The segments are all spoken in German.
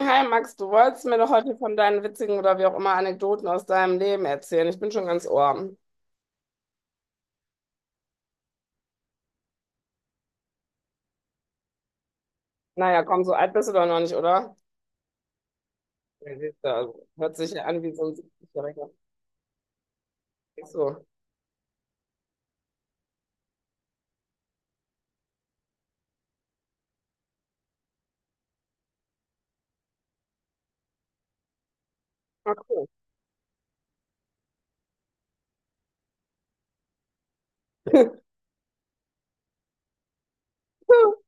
Hi Max, du wolltest mir doch heute von deinen witzigen oder wie auch immer Anekdoten aus deinem Leben erzählen. Ich bin schon ganz Ohr. Naja, komm, so alt bist du doch noch nicht, oder? Ja, siehst du, also, hört sich ja an wie so ein 70. Ach so. Ach cool.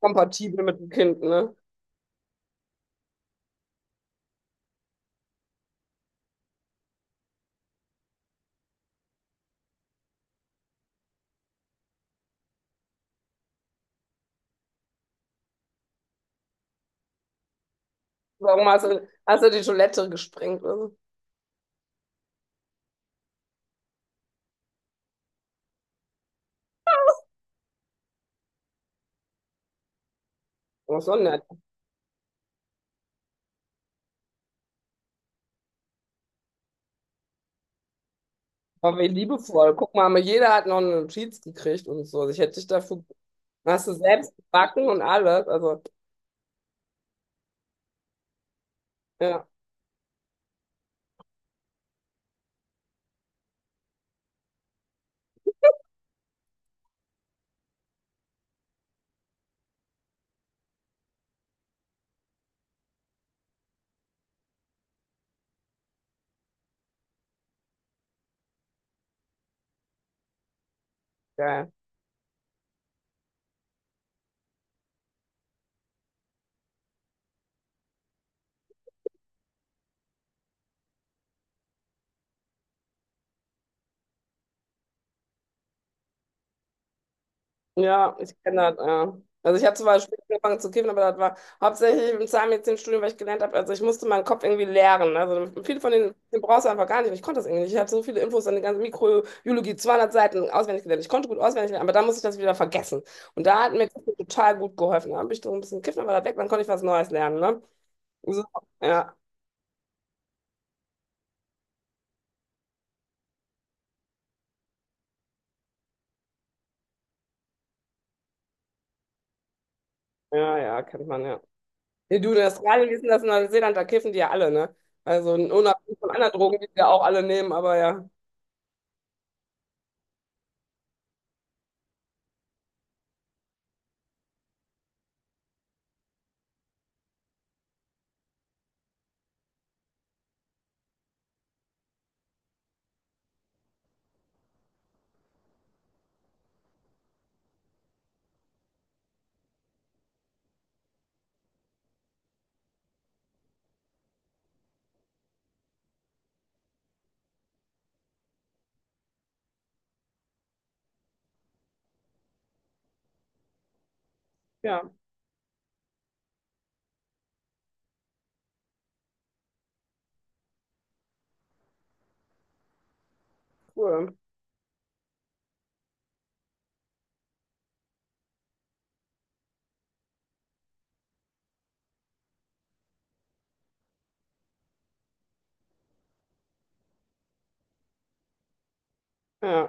Kompatibel mit dem Kind, ne? Warum hast du die Toilette gesprengt oder so? Aber so nett. Aber wie liebevoll. Guck mal, jeder hat noch eine Notiz gekriegt und so. Also ich hätte dich dafür. Hast du selbst gebacken und alles. Also, ja, geil. Ja, ich kenne das, ja. Also ich habe zwar spät angefangen zu kiffen, aber das war hauptsächlich im Zahnmedizinstudium, weil ich gelernt habe, also ich musste meinen Kopf irgendwie leeren, ne? Also viele von denen den brauchst du einfach gar nicht. Und ich konnte das irgendwie nicht. Ich hatte so viele Infos, an die ganze Mikrobiologie, 200 Seiten auswendig gelernt. Ich konnte gut auswendig lernen, aber dann musste ich das wieder vergessen. Und da hat mir Kiffen total gut geholfen. Da habe ich so ein bisschen kiffen, aber das weg, dann konnte ich was Neues lernen, ne? So, ja, ja, kennt man, ja. Nee, du, in Australien, wie ist denn das in Neuseeland? Da kiffen die ja alle, ne? Also unabhängig von anderen Drogen, die ja auch alle nehmen, aber ja. Ja, cool. Ja.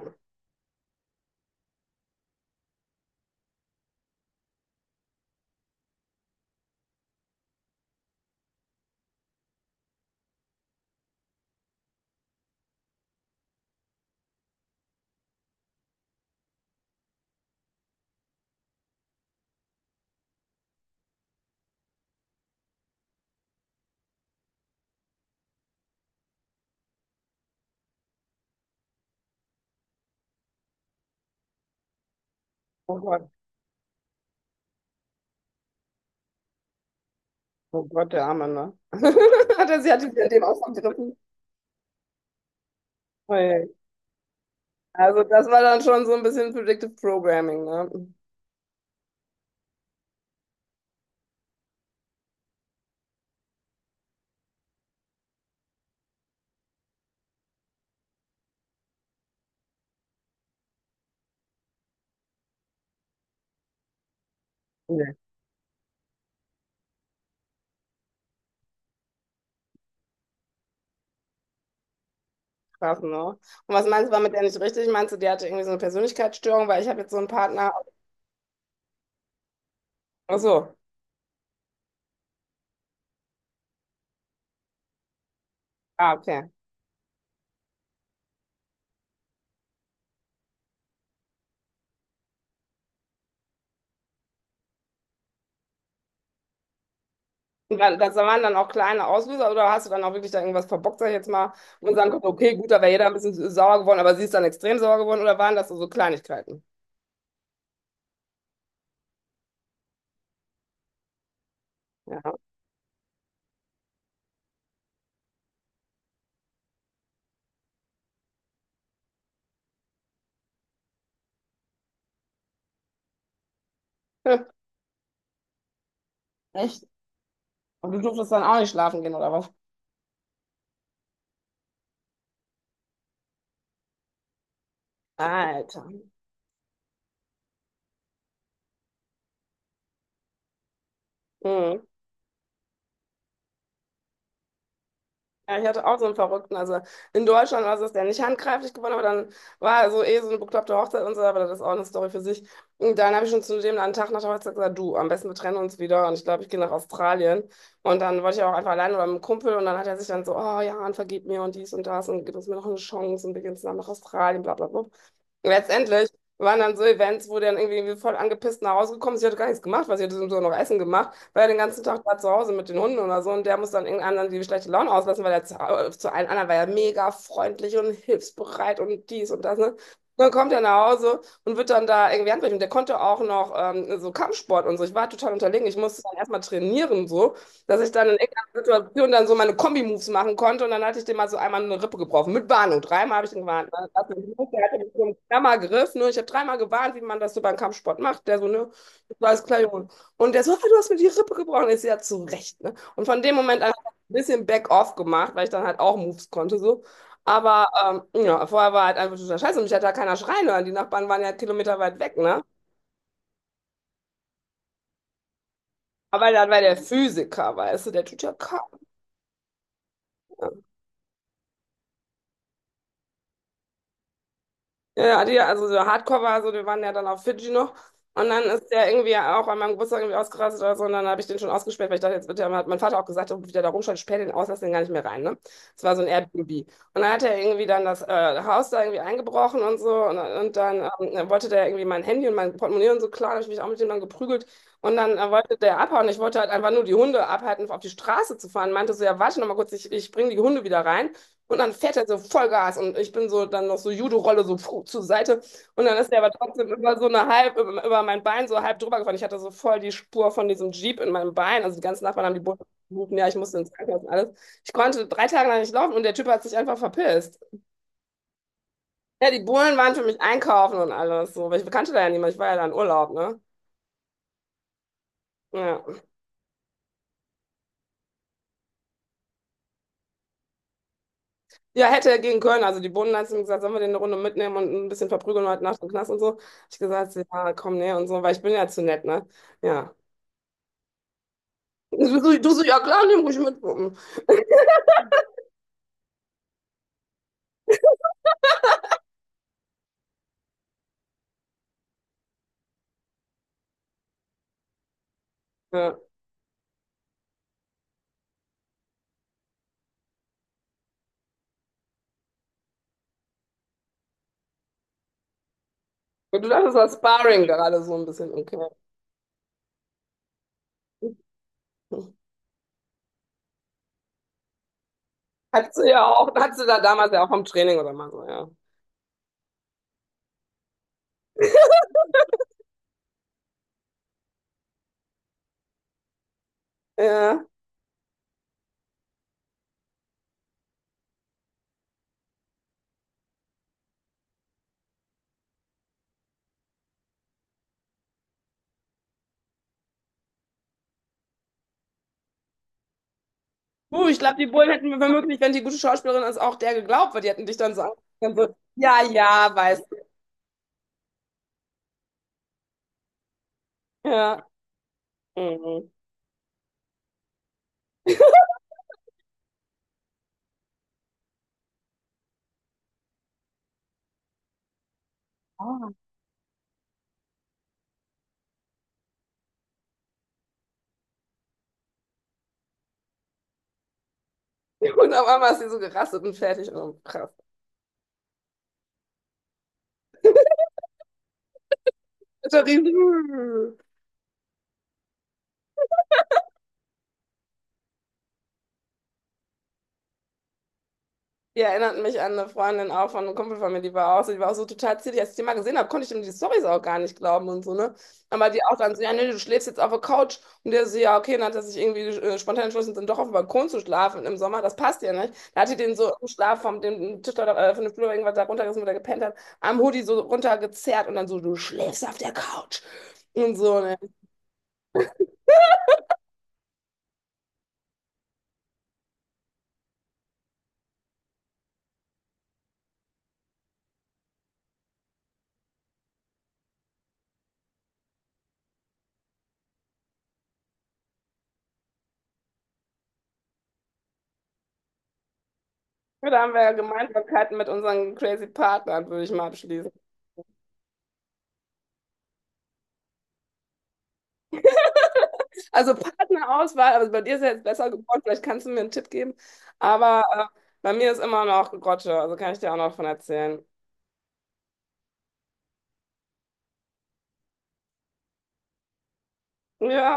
Oh Gott, oh Gott, der Arme, ne? Hatte sie an dem ausgegriffen. Ui. Also das war dann schon so ein bisschen Predictive Programming, ne? Ja. Krass, ne? Und was meinst du, war mit der nicht richtig? Meinst du, die hatte irgendwie so eine Persönlichkeitsstörung, weil ich habe jetzt so einen Partner. Ach so. Ah, okay. Und dann, das waren dann auch kleine Auslöser oder hast du, dann auch wirklich da irgendwas verbockt, sag ich jetzt mal, und sagen, konntest, okay, gut, da wäre jeder ein bisschen sauer geworden, aber sie ist dann extrem sauer geworden oder waren das so, so Kleinigkeiten? Ja. Echt? Und du durftest dann auch nicht schlafen gehen, oder was? Alter. Mhm. Ja, ich hatte auch so einen Verrückten. Also in Deutschland war es, dass der nicht handgreiflich geworden, aber dann war so eh so eine bekloppte Hochzeit und so, aber das ist auch eine Story für sich. Und dann habe ich schon zu dem einen Tag nach der Hochzeit gesagt, du, am besten wir trennen uns wieder und ich glaube, ich gehe nach Australien. Und dann wollte ich auch einfach alleine oder mit einem Kumpel, und dann hat er sich dann so, oh ja, und vergib mir und dies und das und gib uns mir noch eine Chance und wir gehen zusammen nach Australien, bla bla bla. Letztendlich waren dann so Events, wo der dann irgendwie voll angepisst nach Hause gekommen ist. Sie hatte gar nichts gemacht, weil sie hatte so noch Essen gemacht, weil er den ganzen Tag da zu Hause mit den Hunden oder so, und der muss dann irgendeinem die schlechte Laune auslassen, weil er zu allen anderen war ja mega freundlich und hilfsbereit und dies und das, ne? Und dann kommt er nach Hause und wird dann da irgendwie handgreiflich. Und der konnte auch noch so Kampfsport und so. Ich war total unterlegen. Ich musste dann erstmal trainieren, so, dass ich dann in irgendeiner Situation dann so meine Kombi-Moves machen konnte. Und dann hatte ich dem mal so einmal eine Rippe gebrochen. Mit Warnung. Dreimal habe ich ihn gewarnt. Dann hat er mich gewusst, der hatte mich so einen Klammergriff. Ne? Ich habe dreimal gewarnt, wie man das so beim Kampfsport macht. Der so, ne, das war alles klar, Junge. Und der so, ah, du hast mir die Rippe gebrochen. Ich so, ja, zu Recht, ne? Und von dem Moment an hab ich ein bisschen Back-off gemacht, weil ich dann halt auch Moves konnte, so. Aber ja, vorher war halt einfach total scheiße, und mich hat da keiner schreien hören. Die Nachbarn waren ja kilometerweit weg, ne? Aber dann war der Physiker, weißt du, der tut ja kaum, ne? Ja, ja, die, also so Hardcore war so, wir waren ja dann auf Fidschi noch. Und dann ist der irgendwie auch an meinem Geburtstag irgendwie ausgerastet oder so. Und dann habe ich den schon ausgesperrt, weil ich dachte, jetzt wird der, hat mein Vater auch gesagt, oh, wie der da rumschaut, sperr den aus, lass den gar nicht mehr rein, ne? Das war so ein Airbnb. Und dann hat er irgendwie dann das Haus da irgendwie eingebrochen und so. Und, dann wollte der irgendwie mein Handy und mein Portemonnaie und so, klar. Da habe ich mich auch mit dem dann geprügelt. Und dann wollte der abhauen. Ich wollte halt einfach nur die Hunde abhalten, auf die Straße zu fahren. Meinte so, ja, warte noch mal kurz, ich bringe die Hunde wieder rein. Und dann fährt er so Vollgas und ich bin so dann noch so Judo-Rolle so puh, zur Seite. Und dann ist er aber trotzdem über so eine halb, über, über mein Bein so halb drüber gefahren. Ich hatte so voll die Spur von diesem Jeep in meinem Bein. Also die ganzen Nachbarn haben die Bullen gerufen, ja, ich musste ins Krankenhaus und alles. Ich konnte drei Tage lang nicht laufen und der Typ hat sich einfach verpisst. Ja, die Bullen waren für mich einkaufen und alles so, weil ich kannte da ja niemand, ich war ja da in Urlaub, ne? Ja. Ja, hätte er gehen können. Also die Bullen hat zu mir gesagt, sollen wir den eine Runde mitnehmen und ein bisschen verprügeln heute Nacht im Knast und so. Ich gesagt, ja, komm, nee und so, weil ich bin ja zu nett, ne? Ja. Du so, ja klar, nimm ruhig mit. Ja. Und du dachtest, das war Sparring gerade so ein bisschen. Okay. Hattest sie ja auch, hattest sie da damals ja auch vom Training oder mal so, ja. Ja. Ich glaube, die Bullen hätten mir womöglich, wenn die gute Schauspielerin ist, auch der geglaubt, weil die hätten dich dann so angeguckt. So, ja, ja, weißt du. Ja. Mhm. Und auf einmal ist sie so gerastet und fertig. Oh, krass. Ist doch riesig. Die erinnert mich an eine Freundin auch von einem Kumpel von mir, die war auch so, die war auch so total zierlich. Als ich die mal gesehen habe, konnte ich dem die Storys auch gar nicht glauben und so, ne? Aber die auch dann so, ja, nee, du schläfst jetzt auf der Couch. Und der so, ja, okay, dann hat er sich irgendwie spontan entschlossen, dann doch auf dem Balkon zu schlafen im Sommer. Das passt ja nicht. Da hat die den so im Schlaf vom dem Tisch da, von dem Flur irgendwas da runtergerissen, wo der gepennt hat, am Hoodie so runtergezerrt und dann so, du schläfst auf der Couch. Und so, ne? Ja, da haben wir ja Gemeinsamkeiten mit unseren crazy Partnern, würde ich mal abschließen. Also Partnerauswahl, also bei dir ist ja jetzt besser geworden, vielleicht kannst du mir einen Tipp geben. Aber bei mir ist immer noch Grotte, also kann ich dir auch noch von erzählen. Ja.